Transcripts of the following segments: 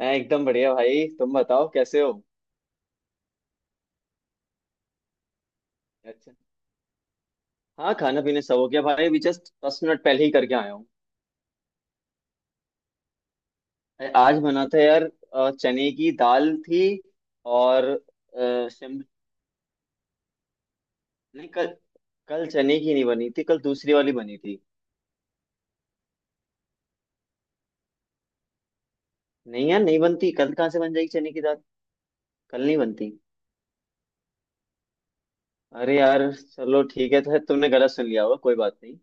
मैं एकदम बढ़िया भाई। तुम बताओ कैसे हो? अच्छा। हाँ, खाना पीना सब हो गया भाई। अभी जस्ट 10 मिनट पहले ही करके आया हूँ। अरे, आज बना था यार। चने की दाल थी। और शिम। नहीं, कल। कल चने की नहीं बनी थी। कल दूसरी वाली बनी थी। नहीं यार, नहीं बनती। कल कहाँ से बन जाएगी चने की दाल? कल नहीं बनती। अरे यार, चलो ठीक है तो तुमने गलत सुन लिया होगा। कोई बात नहीं।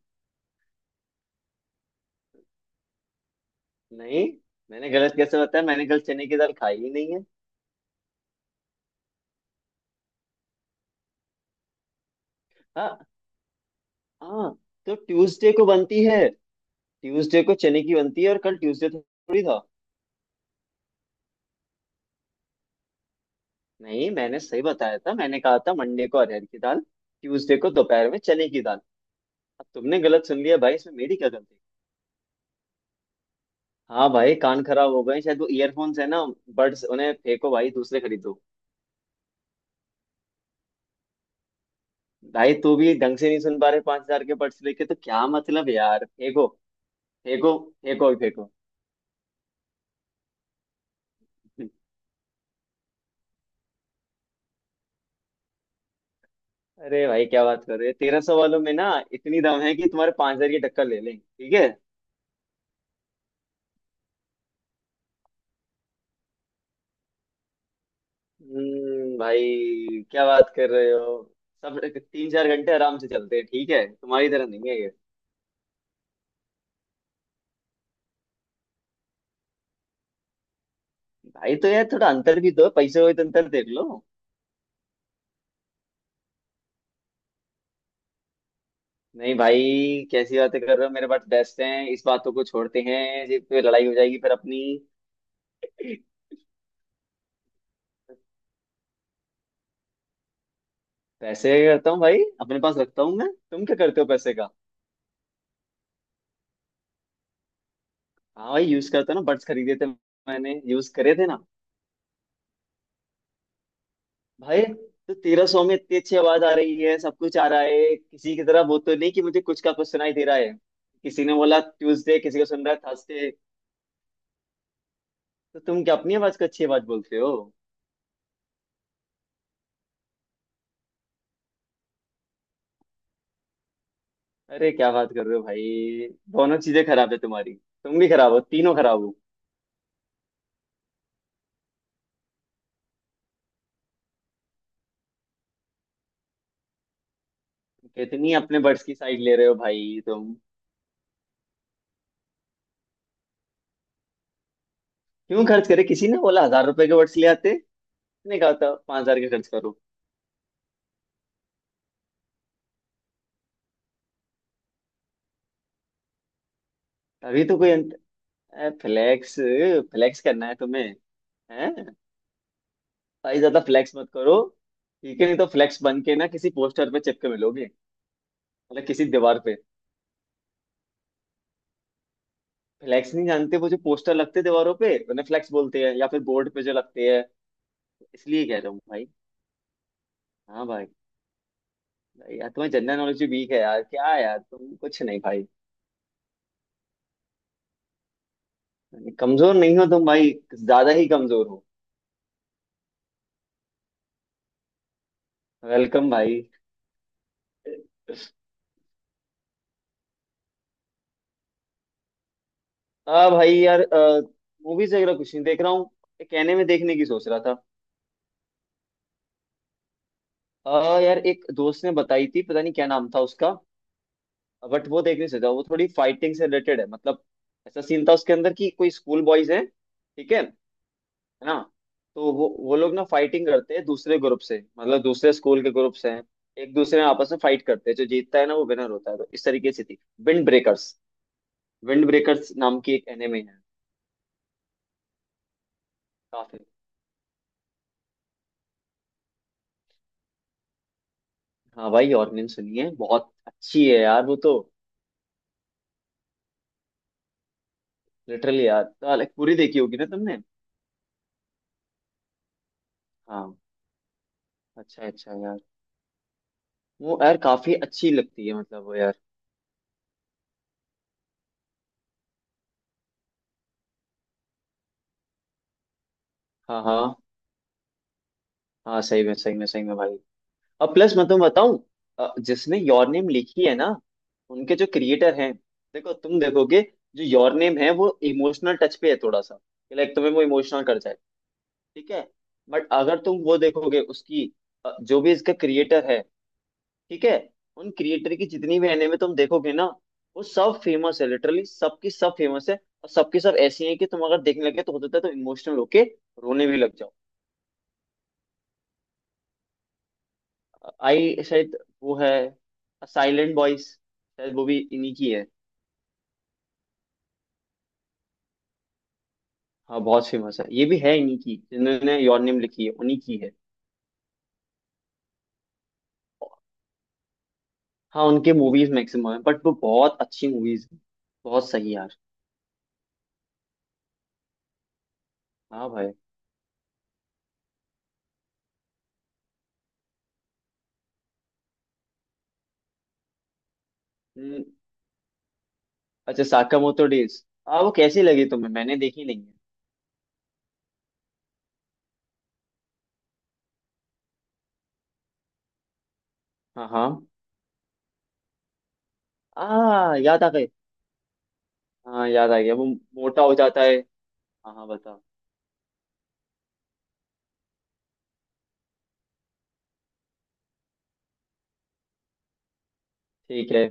नहीं। मैंने गलत कैसे बताया? मैंने कल चने की दाल खाई ही नहीं है। हाँ। हाँ। तो ट्यूसडे को बनती है। ट्यूसडे को चने की बनती है और कल ट्यूसडे थोड़ी था। नहीं, मैंने सही बताया था। मैंने कहा था मंडे को अरहर की दाल। ट्यूसडे को दोपहर में चने की दाल। अब तुमने गलत सुन लिया भाई। इसमें मेरी क्या गलती? हाँ भाई, कान खराब हो गए शायद। वो ईयरफोन्स है ना? बड्स उन्हें फेंको भाई, दूसरे खरीदो। भाई तू भी ढंग से नहीं सुन पा रहे। 5,000 के बड्स लेके तो क्या मतलब यार? फेंको। फेंको। फेंको ही फेंको। अरे भाई, क्या बात कर रहे हो? 1,300 वालों में ना इतनी दम है कि तुम्हारे 5,000 की टक्कर ले लें, ठीक है। भाई क्या बात कर रहे हो? सब 3-4 घंटे आराम से चलते हैं, ठीक है। तुम्हारी तरह नहीं है ये। भाई तो यार थोड़ा अंतर भी दो। पैसे हो तो अंतर देख लो। नहीं भाई। कैसी बातें कर रहे हो? मेरे पास बेस्ट हैं। इस बातों को छोड़ते हैं जी, फिर लड़ाई हो जाएगी फिर अपनी। पैसे करता हूँ भाई, अपने पास रखता हूँ मैं। तुम क्या करते हो पैसे का? हाँ भाई, यूज करता हूँ ना। बड्स खरीदे थे। मैंने यूज करे थे ना। भाई, तो 1,300 में इतनी अच्छी आवाज आ रही है, सब कुछ आ रहा है। किसी की तरह वो तो नहीं कि मुझे कुछ का कुछ सुनाई दे रहा है। किसी ने बोला ट्यूसडे, किसी को सुन रहा है थर्सडे। तो तुम क्या अपनी आवाज को अच्छी आवाज बोलते हो? अरे क्या बात कर रहे हो भाई। दोनों चीजें खराब है तुम्हारी, तुम भी खराब हो, तीनों खराब हो। कितनी अपने बर्ड्स की साइड ले रहे हो भाई तुम। क्यों खर्च करे? किसी ने बोला 1,000 रुपए के बर्ड्स ले आते? नहीं कहा था 5,000 के खर्च करो। अभी तो कोई। फ्लेक्स। फ्लेक्स करना है तुम्हें? है? भाई ज्यादा फ्लेक्स मत करो। ठीक है, नहीं तो फ्लेक्स बन के ना किसी पोस्टर पे चिपके मिलोगे। मतलब किसी दीवार पे। फ्लेक्स नहीं जानते? वो जो पोस्टर लगते हैं दीवारों पे उन्हें फ्लेक्स बोलते हैं, या फिर बोर्ड पे जो लगते हैं। इसलिए कह रहा हूँ भाई। हाँ भाई। भाई यार, तुम्हारी जनरल नॉलेज भी वीक है यार। क्या यार तुम, कुछ नहीं भाई। कमजोर नहीं हो तुम भाई। ज्यादा ही कमजोर हो। वेलकम भाई। हाँ भाई यार। मूवीज वगैरह कुछ नहीं देख रहा हूँ। कहने में देखने की सोच रहा था। यार एक दोस्त ने बताई थी, पता नहीं क्या नाम था उसका। बट वो देख नहीं सकता, वो थोड़ी फाइटिंग से रिलेटेड है मतलब। ऐसा सीन था उसके अंदर कि कोई स्कूल बॉयज हैं, ठीक है, है। ना। तो वो लोग ना फाइटिंग करते हैं दूसरे ग्रुप से, मतलब दूसरे स्कूल के ग्रुप से हैं। एक दूसरे में आपस में फाइट करते हैं, जो जीतता है ना वो विनर होता है, तो इस तरीके से थी। Wind breakers. विंड ब्रेकर्स नाम की एक एनिमे है। काफी। हाँ भाई, और नहीं सुनी है? बहुत अच्छी है यार वो तो। लिटरली यार तो, like, पूरी देखी होगी ना तुमने? हाँ। अच्छा, अच्छा यार। वो यार काफी अच्छी लगती है, मतलब वो यार। हाँ, हाँ। हाँ, सही में, सही में, सही में भाई। अब प्लस मैं तुम्हें बताऊं। जिसने योर नेम लिखी है ना? उनके जो क्रिएटर हैं। देखो, तुम देखोगे। जो योर नेम है वो इमोशनल टच पे है थोड़ा सा। लाइक, तुम्हें वो इमोशनल कर जाए। ठीक है। बट अगर तुम वो देखोगे उसकी। जो भी इसका क्रिएटर है। ठीक है। उन क्रिएटर की जितनी भी एनिमे तुम देखोगे ना। वो सब फेमस है, लिटरली सबकी सब फेमस है। और सबकी सब ऐसी है कि तुम अगर देखने लगे तो होता है, तो इमोशनल होके। रोने भी लग जाओ। आई शायद। वो है। साइलेंट बॉयज शायद वो भी इन्हीं की है। हाँ बहुत फेमस है, ये भी है इन्हीं की, जिन्होंने योर नेम लिखी है उन्हीं की है। हाँ, उनके मूवीज मैक्सिमम है, बट वो बहुत अच्छी मूवीज हैं। बहुत सही यार। हाँ भाई। हम्म, अच्छा, साकामोतो डेज, हाँ वो कैसी लगी तुम्हें? मैंने देखी नहीं है। हाँ, हाँ। आ याद आ गए। हाँ, याद आ गया वो। मोटा हो जाता है। हाँ, हाँ बता। ठीक है।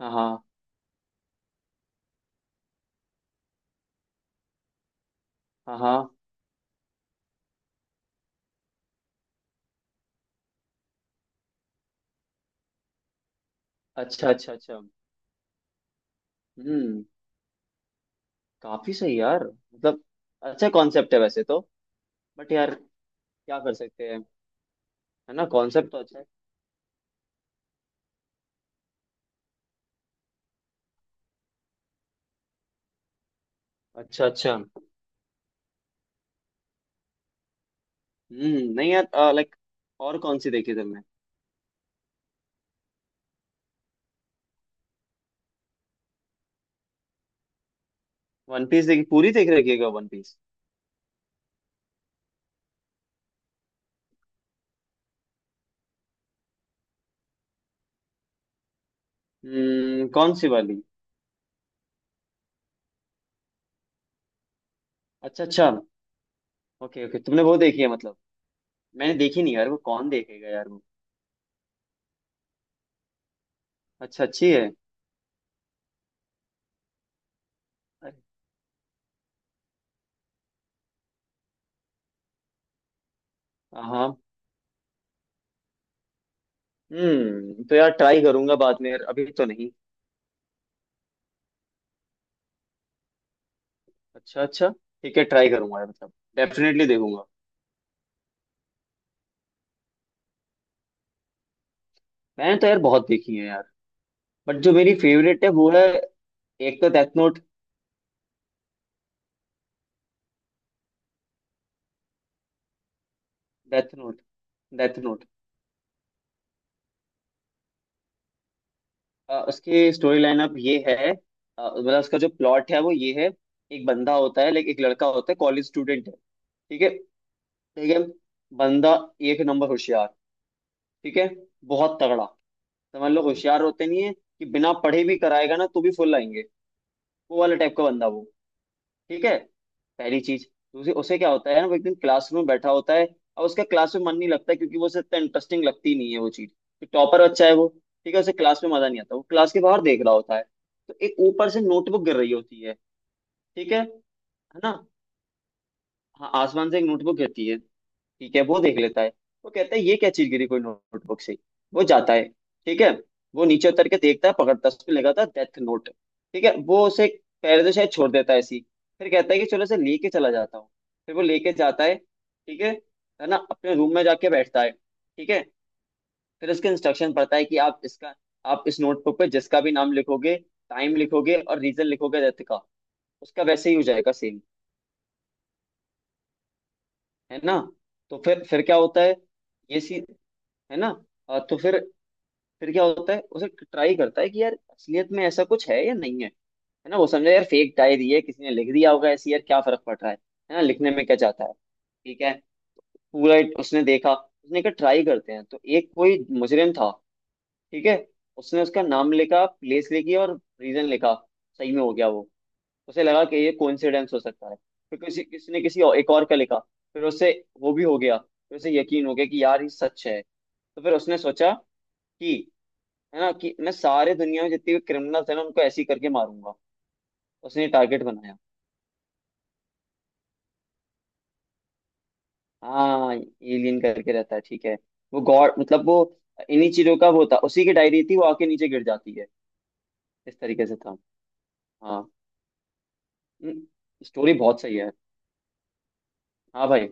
हाँ, हाँ। हाँ, हाँ। अच्छा, अच्छा, अच्छा। हम्म। काफी सही यार, मतलब। अच्छा कॉन्सेप्ट है वैसे तो। बट यार। क्या कर सकते हैं। है ना, कॉन्सेप्ट तो अच्छा है। अच्छा, अच्छा। नहीं यार। लाइक। और कौन सी देखी तुमने? वन पीस देखी, पूरी देख रखी है क्या वन पीस? कौन सी वाली? अच्छा, अच्छा। ओके, ओके, तुमने वो देखी है मतलब? मैंने देखी नहीं यार, वो कौन देखेगा यार वो। अच्छा, अच्छी है। अरे। हाँ। तो यार ट्राई करूंगा बाद में यार, अभी तो नहीं। अच्छा, अच्छा। ठीक है, ट्राई करूंगा यार, मतलब डेफिनेटली देखूंगा। मैंने तो यार बहुत देखी है यार। बट जो मेरी फेवरेट है वो है। एक तो death note. Death note. Death note. उसकी स्टोरी लाइन अप ये है, मतलब उसका जो प्लॉट है वो ये है। एक बंदा होता है, लाइक एक लड़का होता है, कॉलेज स्टूडेंट है, ठीक है। ठीक है। बंदा। एक नंबर होशियार। ठीक है। बहुत तगड़ा। समझ लो, होशियार होते नहीं है कि बिना पढ़े भी कराएगा ना तो भी फुल आएंगे। वो वाला टाइप का बंदा वो। ठीक है। पहली चीज। दूसरी, उसे क्या होता है ना, वो एक दिन क्लास में बैठा होता है। और उसका क्लास में मन नहीं लगता क्योंकि वो उसे इतना इंटरेस्टिंग लगती नहीं है वो चीज, तो टॉपर बच्चा है वो। ठीक है, उसे क्लास में मजा नहीं आता, वो क्लास के बाहर देख रहा होता है। तो एक ऊपर से नोटबुक गिर रही होती है। ठीक है ना? हाँ, आसमान से एक नोटबुक गिरती है। ठीक है, वो देख लेता है। वो कहता है, ये क्या चीज गिरी? कोई नोटबुक से। वो जाता है। ठीक है। वो नीचे उतर के देखता है, पकड़ता है, उस पे लगा था डेथ नोट। ठीक है, वो उसे। पैर से शायद छोड़ देता है ऐसी। फिर कहता है कि चलो इसे लेके चला जाता हूँ। फिर वो लेके जाता है, ठीक है। है ना, अपने रूम में जाके बैठता है, ठीक है। फिर उसके इंस्ट्रक्शन पढ़ता है कि आप इसका। आप इस नोटबुक पे जिसका भी नाम लिखोगे, टाइम लिखोगे और रीजन लिखोगे डेथ का। उसका वैसे ही हो जाएगा सेम। है ना। तो फिर क्या होता है? ये सी। है ना। तो फिर। फिर क्या होता है? उसे ट्राई करता है कि यार असलियत में ऐसा कुछ है या नहीं है, है ना। वो समझे यार फेक डायरी है, किसी ने लिख दिया होगा ऐसी, यार क्या फर्क पड़ रहा है। है ना, लिखने में क्या जाता है, ठीक है। पूरा एक उसने देखा, उसने कहा ट्राई करते हैं तो एक कोई मुजरिम था। ठीक है। उसने उसका नाम लिखा, प्लेस लिखी और रीजन लिखा। सही में हो गया वो। उसे लगा कि ये कोइंसिडेंस हो सकता है। फिर किसी किसी ने किसी और, एक और का लिखा। फिर उसे। वो भी हो गया, फिर उसे यकीन हो गया कि यार ये सच है। तो फिर उसने सोचा। कि। है ना, कि मैं सारे दुनिया में जितने भी क्रिमिनल्स हैं ना उनको ऐसे ही करके मारूंगा। उसने टारगेट बनाया। हाँ, एलियन करके रहता है, ठीक है। वो गॉड मतलब वो। इन्हीं चीजों का वो था, उसी की डायरी थी, वो आके नीचे गिर जाती है। इस तरीके से था। हाँ। स्टोरी बहुत सही है। हाँ भाई।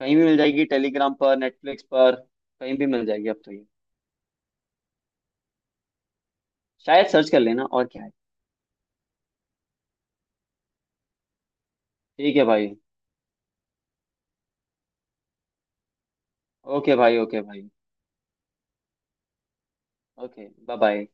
कहीं भी मिल जाएगी, टेलीग्राम पर, नेटफ्लिक्स पर। कहीं भी मिल जाएगी अब तो ये। शायद सर्च कर लेना, और क्या है। ठीक है भाई। ओके भाई, ओके भाई। Okay, bye bye.